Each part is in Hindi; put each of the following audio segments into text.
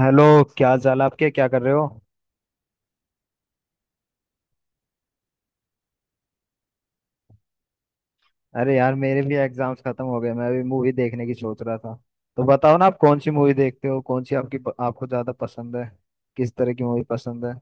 हेलो। क्या हाल चाल आपके, क्या कर रहे हो? अरे यार, मेरे भी एग्जाम्स खत्म हो गए, मैं भी मूवी देखने की सोच रहा था। तो बताओ ना, आप कौन सी मूवी देखते हो, कौन सी आपकी आपको ज्यादा पसंद है? किस तरह की मूवी पसंद है?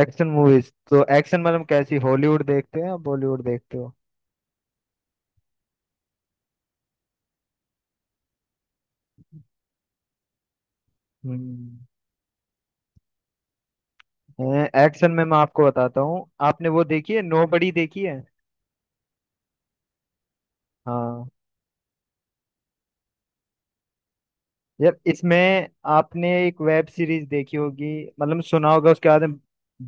एक्शन मूवीज, तो एक्शन मतलब कैसी, हॉलीवुड देखते हो या बॉलीवुड देखते हो? हम्म। एक्शन में मैं आपको बताता हूँ, आपने वो देखी है नोबडी देखी है? हाँ, यार इसमें आपने एक वेब सीरीज देखी होगी, मतलब सुना होगा उसके बाद में,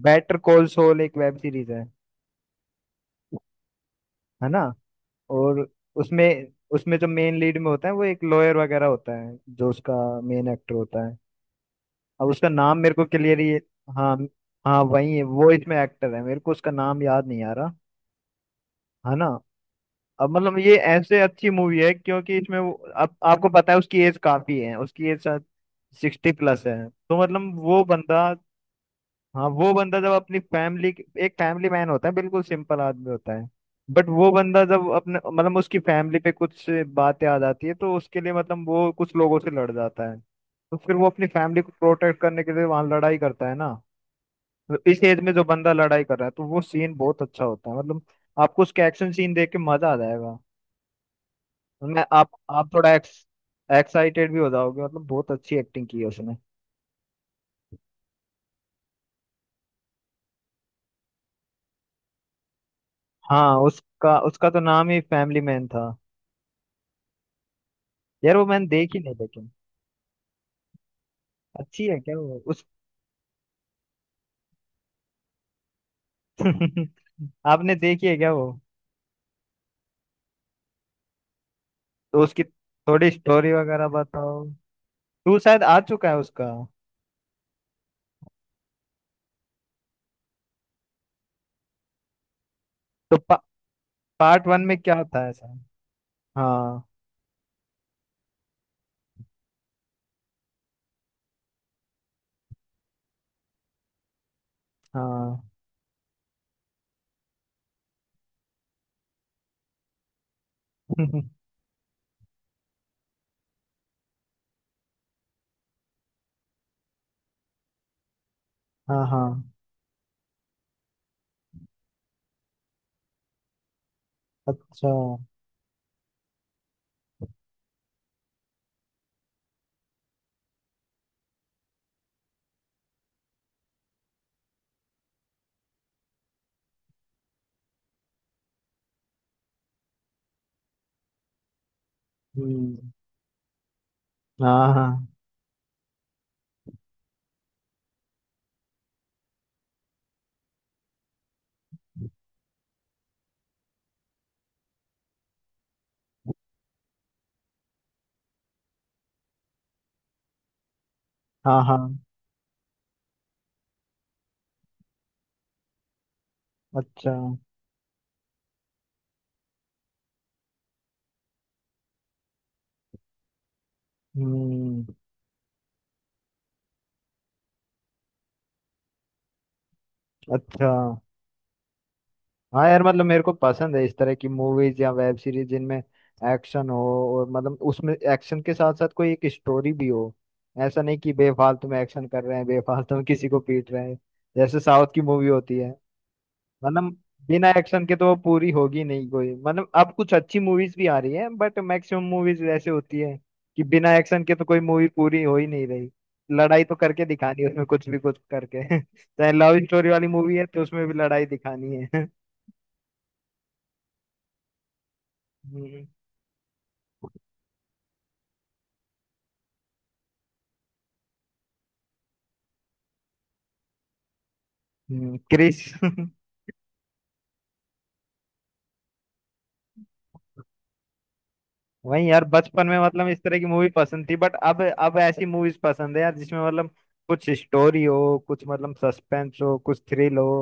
बेटर कॉल सॉल एक वेब सीरीज है ना? और उसमें उसमें जो मेन लीड में होता है वो एक लॉयर वगैरह होता है, जो उसका मेन एक्टर होता है, अब उसका नाम मेरे को क्लियर ही। हाँ, हाँ वही है, वो इसमें एक्टर है, मेरे को उसका नाम याद नहीं आ रहा, है ना। अब मतलब ये ऐसे अच्छी मूवी है क्योंकि इसमें वो आप, आपको पता है उसकी एज काफी है, उसकी एज शायद 60 प्लस है, तो मतलब वो बंदा, हाँ वो बंदा जब अपनी फैमिली, एक फैमिली मैन होता है, बिल्कुल सिंपल आदमी होता है, बट वो बंदा जब अपने मतलब उसकी फैमिली पे कुछ बातें आ जाती है तो उसके लिए मतलब वो कुछ लोगों से लड़ जाता है, तो फिर वो अपनी फैमिली को प्रोटेक्ट करने के लिए वहां लड़ाई करता है ना। तो इस एज में जो बंदा लड़ाई कर रहा है, तो वो सीन बहुत अच्छा होता है, मतलब आपको उसका एक्शन सीन देख के मजा आ जाएगा। मैं आप थोड़ा एक्स एक्साइटेड भी हो जाओगे, मतलब बहुत अच्छी एक्टिंग की है उसने। हाँ, उसका उसका तो नाम ही फैमिली मैन था। यार वो मैंने देखी नहीं लेकिन अच्छी है क्या वो, उस आपने देखी है क्या वो? तो उसकी थोड़ी स्टोरी वगैरह बताओ। टू शायद आ चुका है उसका। तो पा, पार्ट वन में क्या होता है सर? हाँ। हाँ। हाँ, हाँ। अच्छा। हम्म। हाँ, हाँ, हाँ, हाँ। अच्छा। हम्म। अच्छा। हाँ यार, मतलब मेरे को पसंद है इस तरह की मूवीज या वेब सीरीज जिनमें एक्शन हो, और मतलब उसमें एक्शन के साथ साथ कोई एक स्टोरी भी हो। ऐसा नहीं कि बेफालतू में एक्शन कर रहे हैं, बेफालतू में किसी को पीट रहे हैं, जैसे साउथ की मूवी होती है। मतलब बिना एक्शन के तो वो पूरी होगी नहीं, कोई मतलब अब कुछ अच्छी मूवीज भी आ रही है, बट मैक्सिमम मूवीज ऐसे होती है कि बिना एक्शन के तो कोई मूवी पूरी हो ही नहीं रही। लड़ाई तो करके दिखानी है, उसमें कुछ भी कुछ करके चाहे लव स्टोरी वाली मूवी है तो उसमें भी लड़ाई दिखानी है हम्म। क्रिश वही यार, बचपन में मतलब इस तरह की मूवी पसंद थी, बट अब ऐसी मूवीज पसंद है यार जिसमें मतलब कुछ स्टोरी हो, कुछ मतलब सस्पेंस हो, कुछ थ्रिल हो।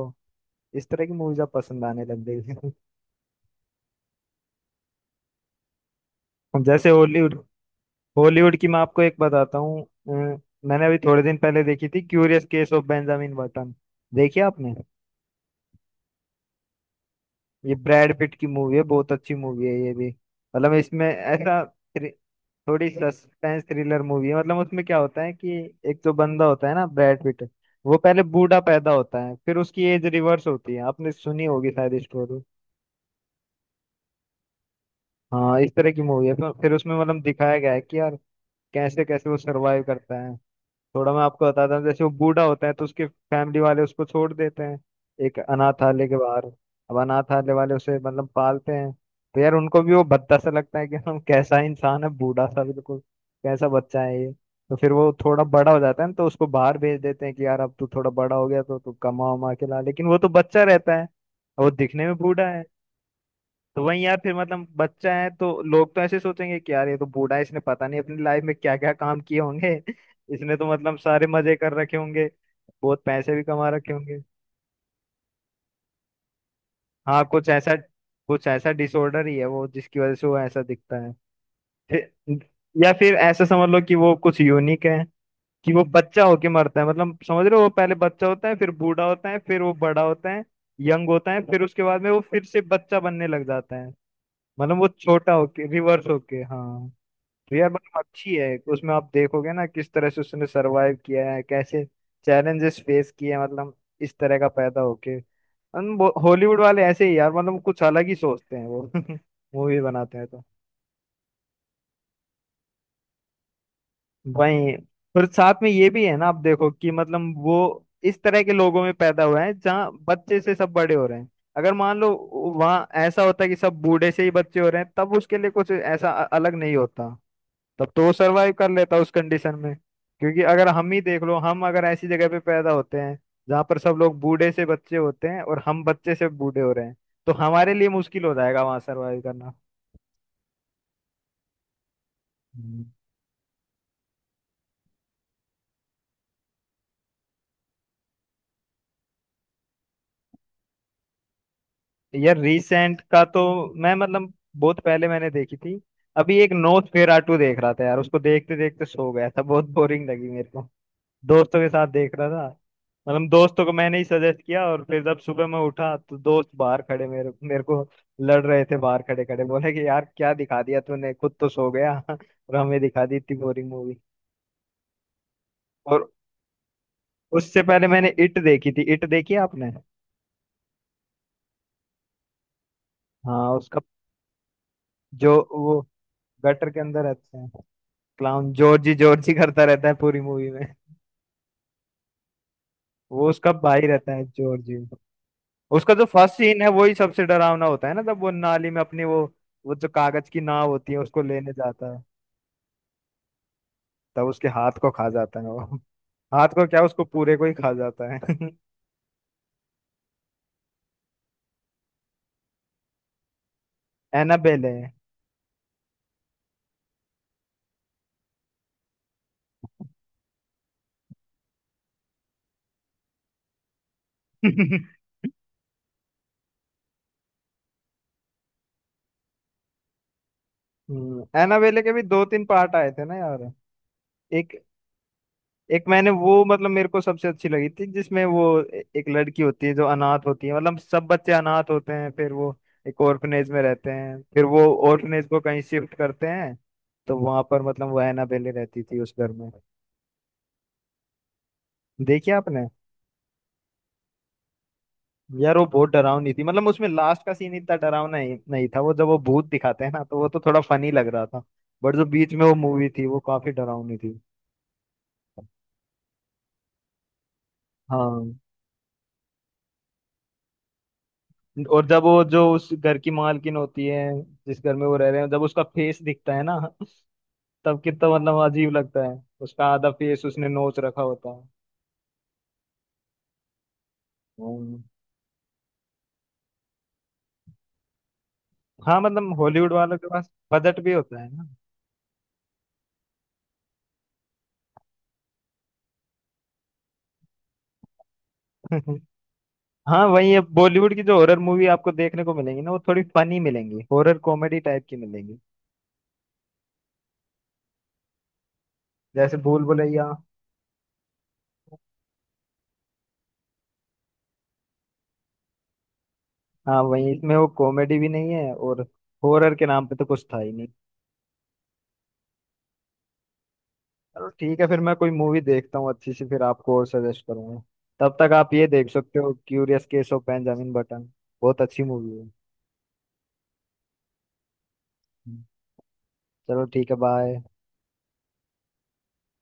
इस तरह की मूवीज अब पसंद आने लग गई हैं। जैसे हॉलीवुड, हॉलीवुड की मैं आपको एक बताता हूँ मैंने अभी थोड़े दिन पहले देखी थी, curious case of Benjamin Button, देखी आपने? ये ब्रैड पिट की मूवी है, बहुत अच्छी मूवी है ये भी। मतलब इसमें ऐसा थ्रि- थोड़ी सस्पेंस थ्रिलर मूवी है। मतलब उसमें क्या होता है कि एक जो बंदा होता है ना ब्रैड पिट, वो पहले बूढ़ा पैदा होता है, फिर उसकी एज रिवर्स होती है। आपने सुनी होगी शायद स्टोरी। हाँ इस तरह की मूवी है। फिर उसमें मतलब दिखाया गया है कि यार कैसे कैसे वो सरवाइव करता है। थोड़ा मैं आपको बताता हूँ, जैसे वो बूढ़ा होता है तो उसके फैमिली वाले उसको छोड़ देते हैं, एक अनाथालय के बाहर। अब अनाथालय वाले उसे मतलब पालते हैं, तो यार उनको भी वो भद्दा सा लगता है कि हम, कैसा इंसान है बूढ़ा सा बिल्कुल, कैसा बच्चा है ये। तो फिर वो थोड़ा बड़ा हो जाता है ना, तो उसको बाहर भेज देते हैं कि यार अब तू थोड़ा बड़ा हो गया तो तू कमा उमा के ला, लेकिन वो तो बच्चा रहता है और वो दिखने में बूढ़ा है। तो वही यार फिर, मतलब बच्चा है तो लोग तो ऐसे सोचेंगे कि यार ये तो बूढ़ा है, इसने पता नहीं अपनी लाइफ में क्या क्या काम किए होंगे इसने तो मतलब सारे मजे कर रखे होंगे, बहुत पैसे भी कमा रखे होंगे। हाँ कुछ ऐसा, कुछ ऐसा डिसऑर्डर ही है वो, जिसकी वजह से वो ऐसा दिखता है। फिर या फिर ऐसा समझ लो कि वो कुछ यूनिक है, कि वो बच्चा होके मरता है। मतलब समझ रहे हो, वो पहले बच्चा होता है, फिर बूढ़ा होता है, फिर वो बड़ा होता है, यंग होता है, फिर उसके बाद में वो फिर से बच्चा बनने लग जाता है। मतलब वो छोटा होके रिवर्स होके, हाँ। रियर मतलब अच्छी है, उसमें आप देखोगे ना किस तरह से उसने सरवाइव किया है, कैसे चैलेंजेस फेस किए हैं, मतलब इस तरह का पैदा होके। हॉलीवुड वाले ऐसे ही यार मतलब कुछ अलग ही सोचते हैं वो मूवी बनाते हैं तो। वही फिर साथ में ये भी है ना, आप देखो कि मतलब वो इस तरह के लोगों में पैदा हुए हैं जहाँ बच्चे से सब बड़े हो रहे हैं। अगर मान लो वहाँ ऐसा होता है कि सब बूढ़े से ही बच्चे हो रहे हैं, तब उसके लिए कुछ ऐसा अ- अलग नहीं होता, तब तो वो सरवाइव कर लेता उस कंडीशन में। क्योंकि अगर हम ही देख लो, हम अगर ऐसी जगह पे पैदा होते हैं जहाँ पर सब लोग बूढ़े से बच्चे होते हैं और हम बच्चे से बूढ़े हो रहे हैं, तो हमारे लिए मुश्किल हो जाएगा वहां सरवाइव करना। हम्म। यार रिसेंट का तो, मैं मतलब बहुत पहले मैंने देखी थी। अभी एक नोस्फेरातु देख रहा था यार, उसको देखते देखते सो गया था, बहुत बोरिंग लगी मेरे को। दोस्तों के साथ देख रहा था, मतलब दोस्तों को मैंने ही सजेस्ट किया, और फिर जब सुबह मैं उठा तो दोस्त बाहर खड़े मेरे मेरे को लड़ रहे थे, बाहर खड़े खड़े बोले कि यार क्या दिखा दिया तूने, खुद तो सो गया और हमें दिखा दी इतनी बोरिंग मूवी। और उससे पहले मैंने इट देखी थी, इट देखी है आपने? हाँ उसका, जो वो गटर के अंदर रहता है, क्लाउन, जॉर्जी जॉर्जी करता रहता है पूरी मूवी में। वो उसका भाई रहता है जॉर्जी। उसका जो फर्स्ट सीन है वही सबसे डरावना होता है ना, तब वो नाली में अपनी वो जो कागज की नाव होती है उसको लेने जाता है, तब उसके हाथ को खा जाता है वो। हाथ को क्या, उसको पूरे को ही खा जाता है एनाबेले। एनाबेले के भी दो तीन पार्ट आए थे ना यार। एक, एक मैंने वो मतलब मेरे को सबसे अच्छी लगी थी, जिसमें वो ए- एक लड़की होती है जो अनाथ होती है, मतलब सब बच्चे अनाथ होते हैं, फिर वो एक ऑर्फनेज में रहते हैं, फिर वो ऑर्फनेज को कहीं शिफ्ट करते हैं। तो वहां पर मतलब वो एनाबेले रहती थी उस घर में। देखिए आपने? यार वो बहुत डरावनी थी, मतलब उसमें लास्ट का सीन इतना डरावना ही नहीं था, वो जब वो भूत दिखाते हैं ना तो वो तो थोड़ा फनी लग रहा था, बट जो बीच में वो मूवी थी वो काफी डरावनी थी। हाँ। और जब वो जो उस घर की मालकिन होती है, जिस घर में वो रह रहे हैं, जब उसका फेस दिखता है ना, तब कितना मतलब अजीब लगता है। उसका आधा फेस उसने नोच रखा होता है। हम्म। हाँ मतलब हॉलीवुड वालों के पास बजट भी होता है ना। हाँ वही है, बॉलीवुड की जो हॉरर मूवी आपको देखने को मिलेंगी ना, वो थोड़ी फनी मिलेंगी, हॉरर कॉमेडी टाइप की मिलेंगी, जैसे भूल भुलैया। हाँ वही, इसमें वो कॉमेडी भी नहीं है और हॉरर के नाम पे तो कुछ था ही। चलो ठीक है, फिर मैं कोई मूवी देखता हूँ अच्छी सी, फिर आपको और सजेस्ट करूंगा। तब तक आप ये देख सकते हो, curious case of Benjamin Button, बहुत अच्छी मूवी है। चलो ठीक है, बाय।